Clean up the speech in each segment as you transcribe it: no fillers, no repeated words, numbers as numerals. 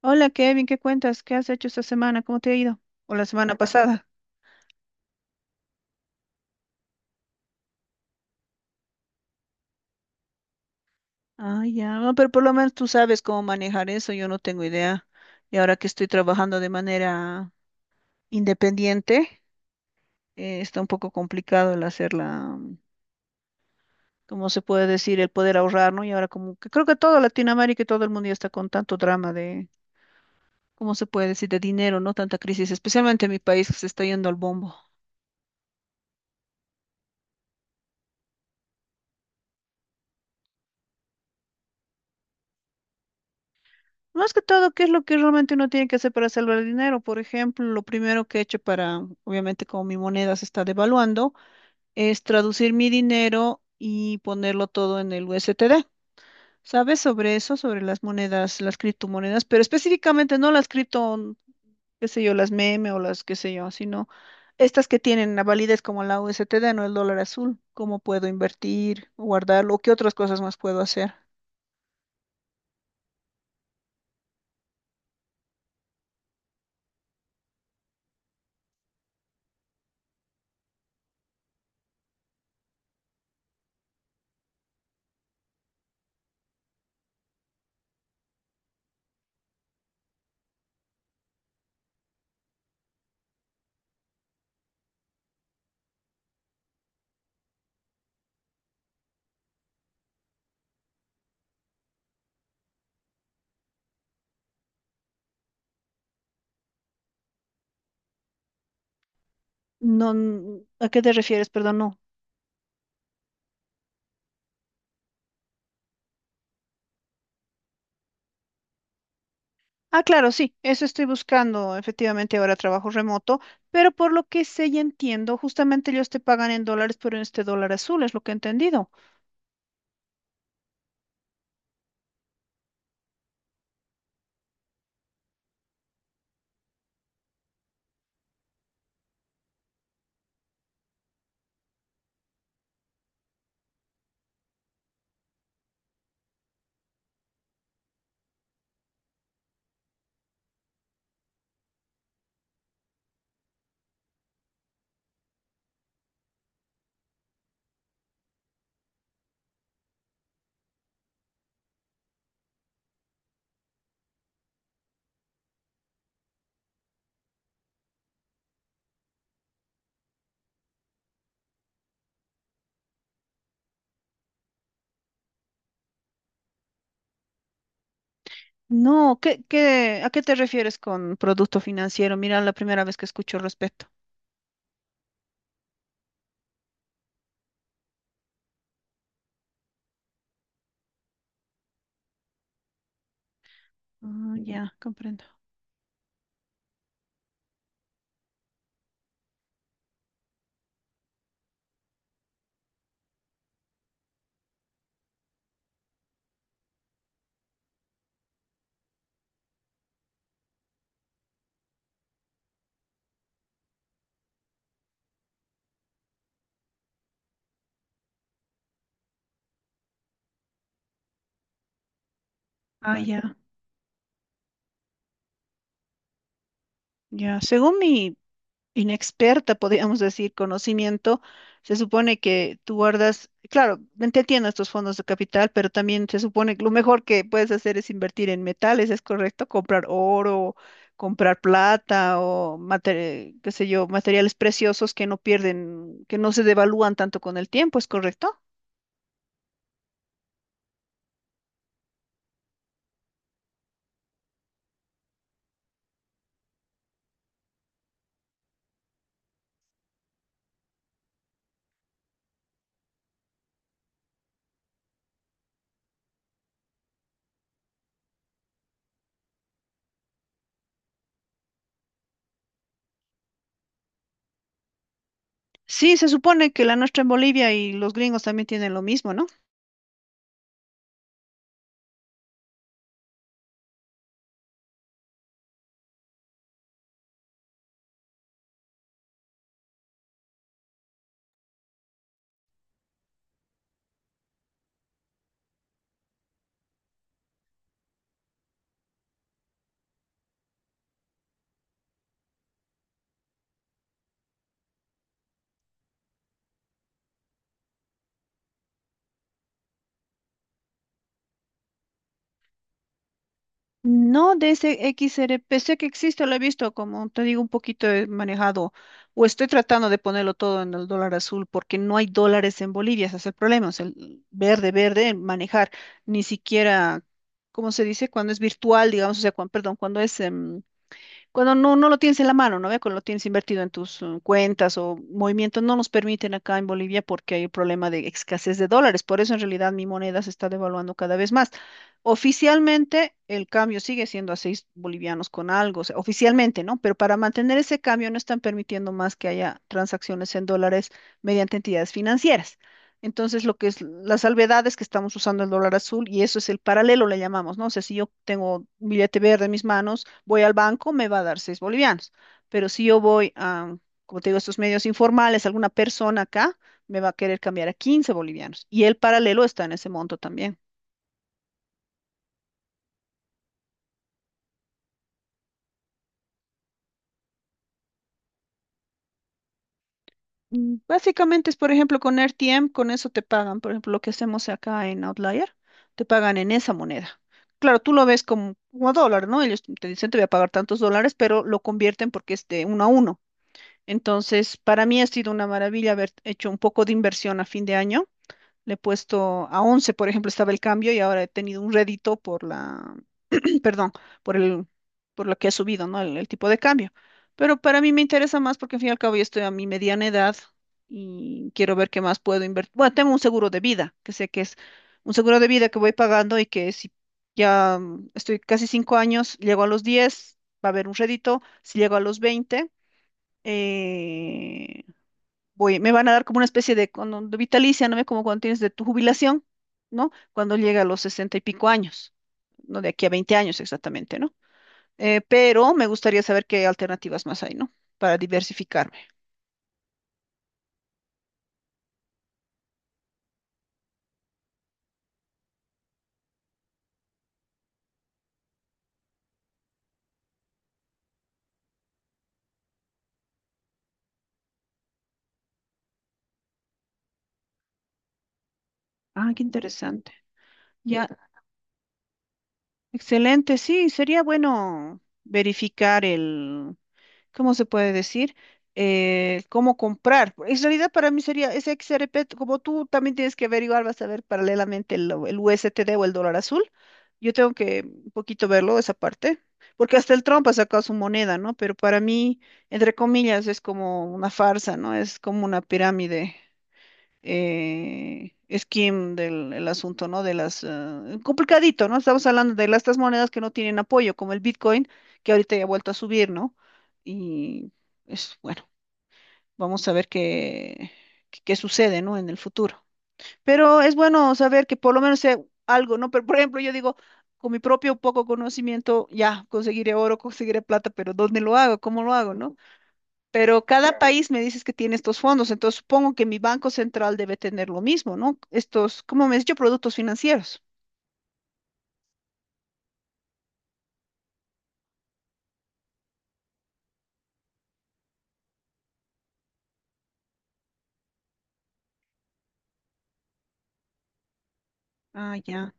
Hola Kevin, ¿qué cuentas? ¿Qué has hecho esta semana? ¿Cómo te ha ido? ¿O la semana pasada? Ah, ya, no, pero por lo menos tú sabes cómo manejar eso, yo no tengo idea. Y ahora que estoy trabajando de manera independiente, está un poco complicado el hacer la, ¿cómo se puede decir? El poder ahorrar, ¿no? Y ahora como que creo que toda Latinoamérica y todo el mundo ya está con tanto drama de, ¿cómo se puede decir? De dinero, ¿no? Tanta crisis, especialmente en mi país que se está yendo al bombo. Más que todo, ¿qué es lo que realmente uno tiene que hacer para salvar el dinero? Por ejemplo, lo primero que he hecho para, obviamente como mi moneda se está devaluando, es traducir mi dinero y ponerlo todo en el USTD. ¿Sabes sobre eso? Sobre las monedas, las criptomonedas, pero específicamente no las cripto, qué sé yo, las meme o las qué sé yo, sino estas que tienen la validez como la USTD, no el dólar azul. ¿Cómo puedo invertir, guardarlo? ¿Qué otras cosas más puedo hacer? No, ¿a qué te refieres? Perdón, no. Ah, claro, sí, eso estoy buscando. Efectivamente, ahora trabajo remoto, pero por lo que sé y entiendo, justamente ellos te pagan en dólares, pero en este dólar azul, es lo que he entendido. No, ¿qué, qué, a qué te refieres con producto financiero? Mira, la primera vez que escucho al respecto. Ah, ya, comprendo. Ah, ya, ya. Según mi inexperta, podríamos decir, conocimiento, se supone que tú guardas, claro, te entiendo estos fondos de capital, pero también se supone que lo mejor que puedes hacer es invertir en metales, ¿es correcto? Comprar oro, comprar plata o qué sé yo, materiales preciosos que no pierden, que no se devalúan tanto con el tiempo, ¿es correcto? Sí, se supone que la nuestra en Bolivia y los gringos también tienen lo mismo, ¿no? No de ese XRP, sé que existe, lo he visto, como te digo, un poquito he manejado, o estoy tratando de ponerlo todo en el dólar azul, porque no hay dólares en Bolivia, ese es el problema, o sea, el verde, verde, el manejar, ni siquiera, ¿cómo se dice? Cuando es virtual, digamos, o sea, perdón, cuando es cuando no lo tienes en la mano, ¿no ve? Cuando lo tienes invertido en tus cuentas o movimientos, no nos permiten acá en Bolivia porque hay el problema de escasez de dólares. Por eso en realidad mi moneda se está devaluando cada vez más. Oficialmente el cambio sigue siendo a 6 bolivianos con algo, o sea, oficialmente, ¿no? Pero para mantener ese cambio no están permitiendo más que haya transacciones en dólares mediante entidades financieras. Entonces, lo que es la salvedad es que estamos usando el dólar azul y eso es el paralelo, le llamamos, ¿no? O sea, si yo tengo un billete verde en mis manos, voy al banco, me va a dar 6 bolivianos. Pero si yo voy a, como te digo, estos medios informales, alguna persona acá me va a querer cambiar a 15 bolivianos. Y el paralelo está en ese monto también. Mm. Básicamente es, por ejemplo, con RTM con eso te pagan. Por ejemplo, lo que hacemos acá en Outlier, te pagan en esa moneda. Claro, tú lo ves como, como dólar, ¿no? Ellos te dicen te voy a pagar tantos dólares, pero lo convierten porque es de uno a uno. Entonces, para mí ha sido una maravilla haber hecho un poco de inversión a fin de año. Le he puesto a 11 por ejemplo, estaba el cambio y ahora he tenido un rédito por la, perdón, por el, por lo que ha subido, ¿no? El tipo de cambio. Pero para mí me interesa más porque al fin y al cabo ya estoy a mi mediana edad y quiero ver qué más puedo invertir. Bueno, tengo un seguro de vida, que sé que es un seguro de vida que voy pagando y que si ya estoy casi 5 años, llego a los 10 va a haber un rédito. Si llego a los 20 eh, voy, me van a dar como una especie de, de vitalicia, ¿no ve? Como cuando tienes de tu jubilación, ¿no? Cuando llega a los 60 y pico años, no de aquí a 20 años exactamente, ¿no? Pero me gustaría saber qué alternativas más hay, ¿no? Para diversificarme. Ah, qué interesante. Ya, excelente. Sí, sería bueno verificar el, ¿cómo se puede decir? Cómo comprar. En realidad para mí sería ese XRP, como tú también tienes que averiguar, vas a ver paralelamente el USTD o el dólar azul. Yo tengo que un poquito verlo, esa parte, porque hasta el Trump ha sacado su moneda, ¿no? Pero para mí, entre comillas, es como una farsa, ¿no? Es como una pirámide skim del el asunto, ¿no? De las, complicadito, ¿no? Estamos hablando de las, estas monedas que no tienen apoyo, como el Bitcoin, que ahorita ya ha vuelto a subir, ¿no? Y es bueno, vamos a ver qué sucede, ¿no? En el futuro. Pero es bueno saber que por lo menos sea algo, ¿no? Pero, por ejemplo, yo digo, con mi propio poco conocimiento, ya conseguiré oro, conseguiré plata, pero ¿dónde lo hago? ¿Cómo lo hago? ¿No? Pero cada país me dices que tiene estos fondos, entonces supongo que mi banco central debe tener lo mismo, ¿no? Estos, ¿cómo me has dicho? Productos financieros. Ah, ya.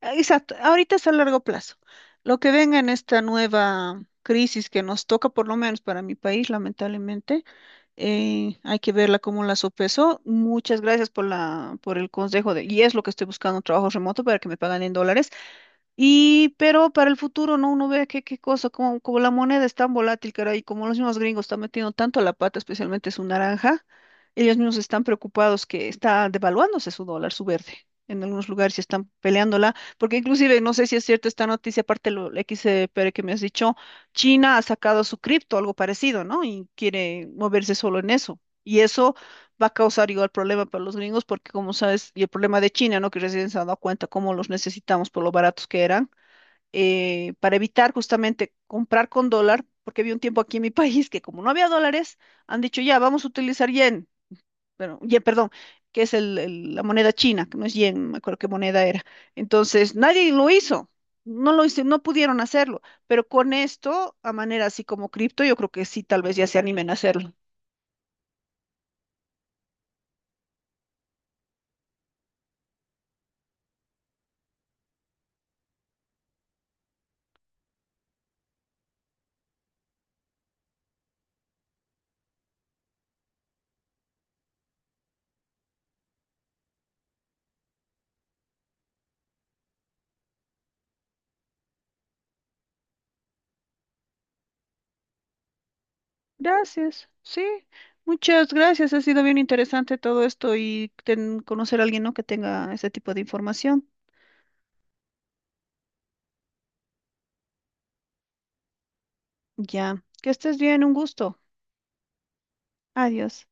Ah, exacto, ahorita es a largo plazo. Lo que venga en esta nueva crisis que nos toca, por lo menos para mi país, lamentablemente, hay que verla como la sopeso. Muchas gracias por la, por el consejo de, y es lo que estoy buscando, un trabajo remoto para que me paguen en dólares. Y, pero para el futuro, ¿no? Uno ve qué cosa, como la moneda es tan volátil, caray, como los mismos gringos están metiendo tanto la pata, especialmente su naranja, ellos mismos están preocupados que está devaluándose su dólar, su verde. En algunos lugares se están peleándola, porque inclusive, no sé si es cierta esta noticia, aparte lo la XPR que me has dicho, China ha sacado su cripto, algo parecido, ¿no? Y quiere moverse solo en eso. Y eso va a causar igual problema para los gringos, porque como sabes, y el problema de China, ¿no? Que recién se han dado cuenta cómo los necesitamos por lo baratos que eran, para evitar justamente comprar con dólar, porque había un tiempo aquí en mi país que como no había dólares, han dicho ya, vamos a utilizar yen, bueno, yen, perdón, que es la moneda china, que no es yen, no me acuerdo qué moneda era. Entonces, nadie lo hizo. No lo hice, no pudieron hacerlo, pero con esto, a manera así como cripto, yo creo que sí, tal vez ya se animen a hacerlo. Gracias, sí, muchas gracias. Ha sido bien interesante todo esto y conocer a alguien, ¿no? que tenga ese tipo de información. Ya, que estés bien, un gusto. Adiós.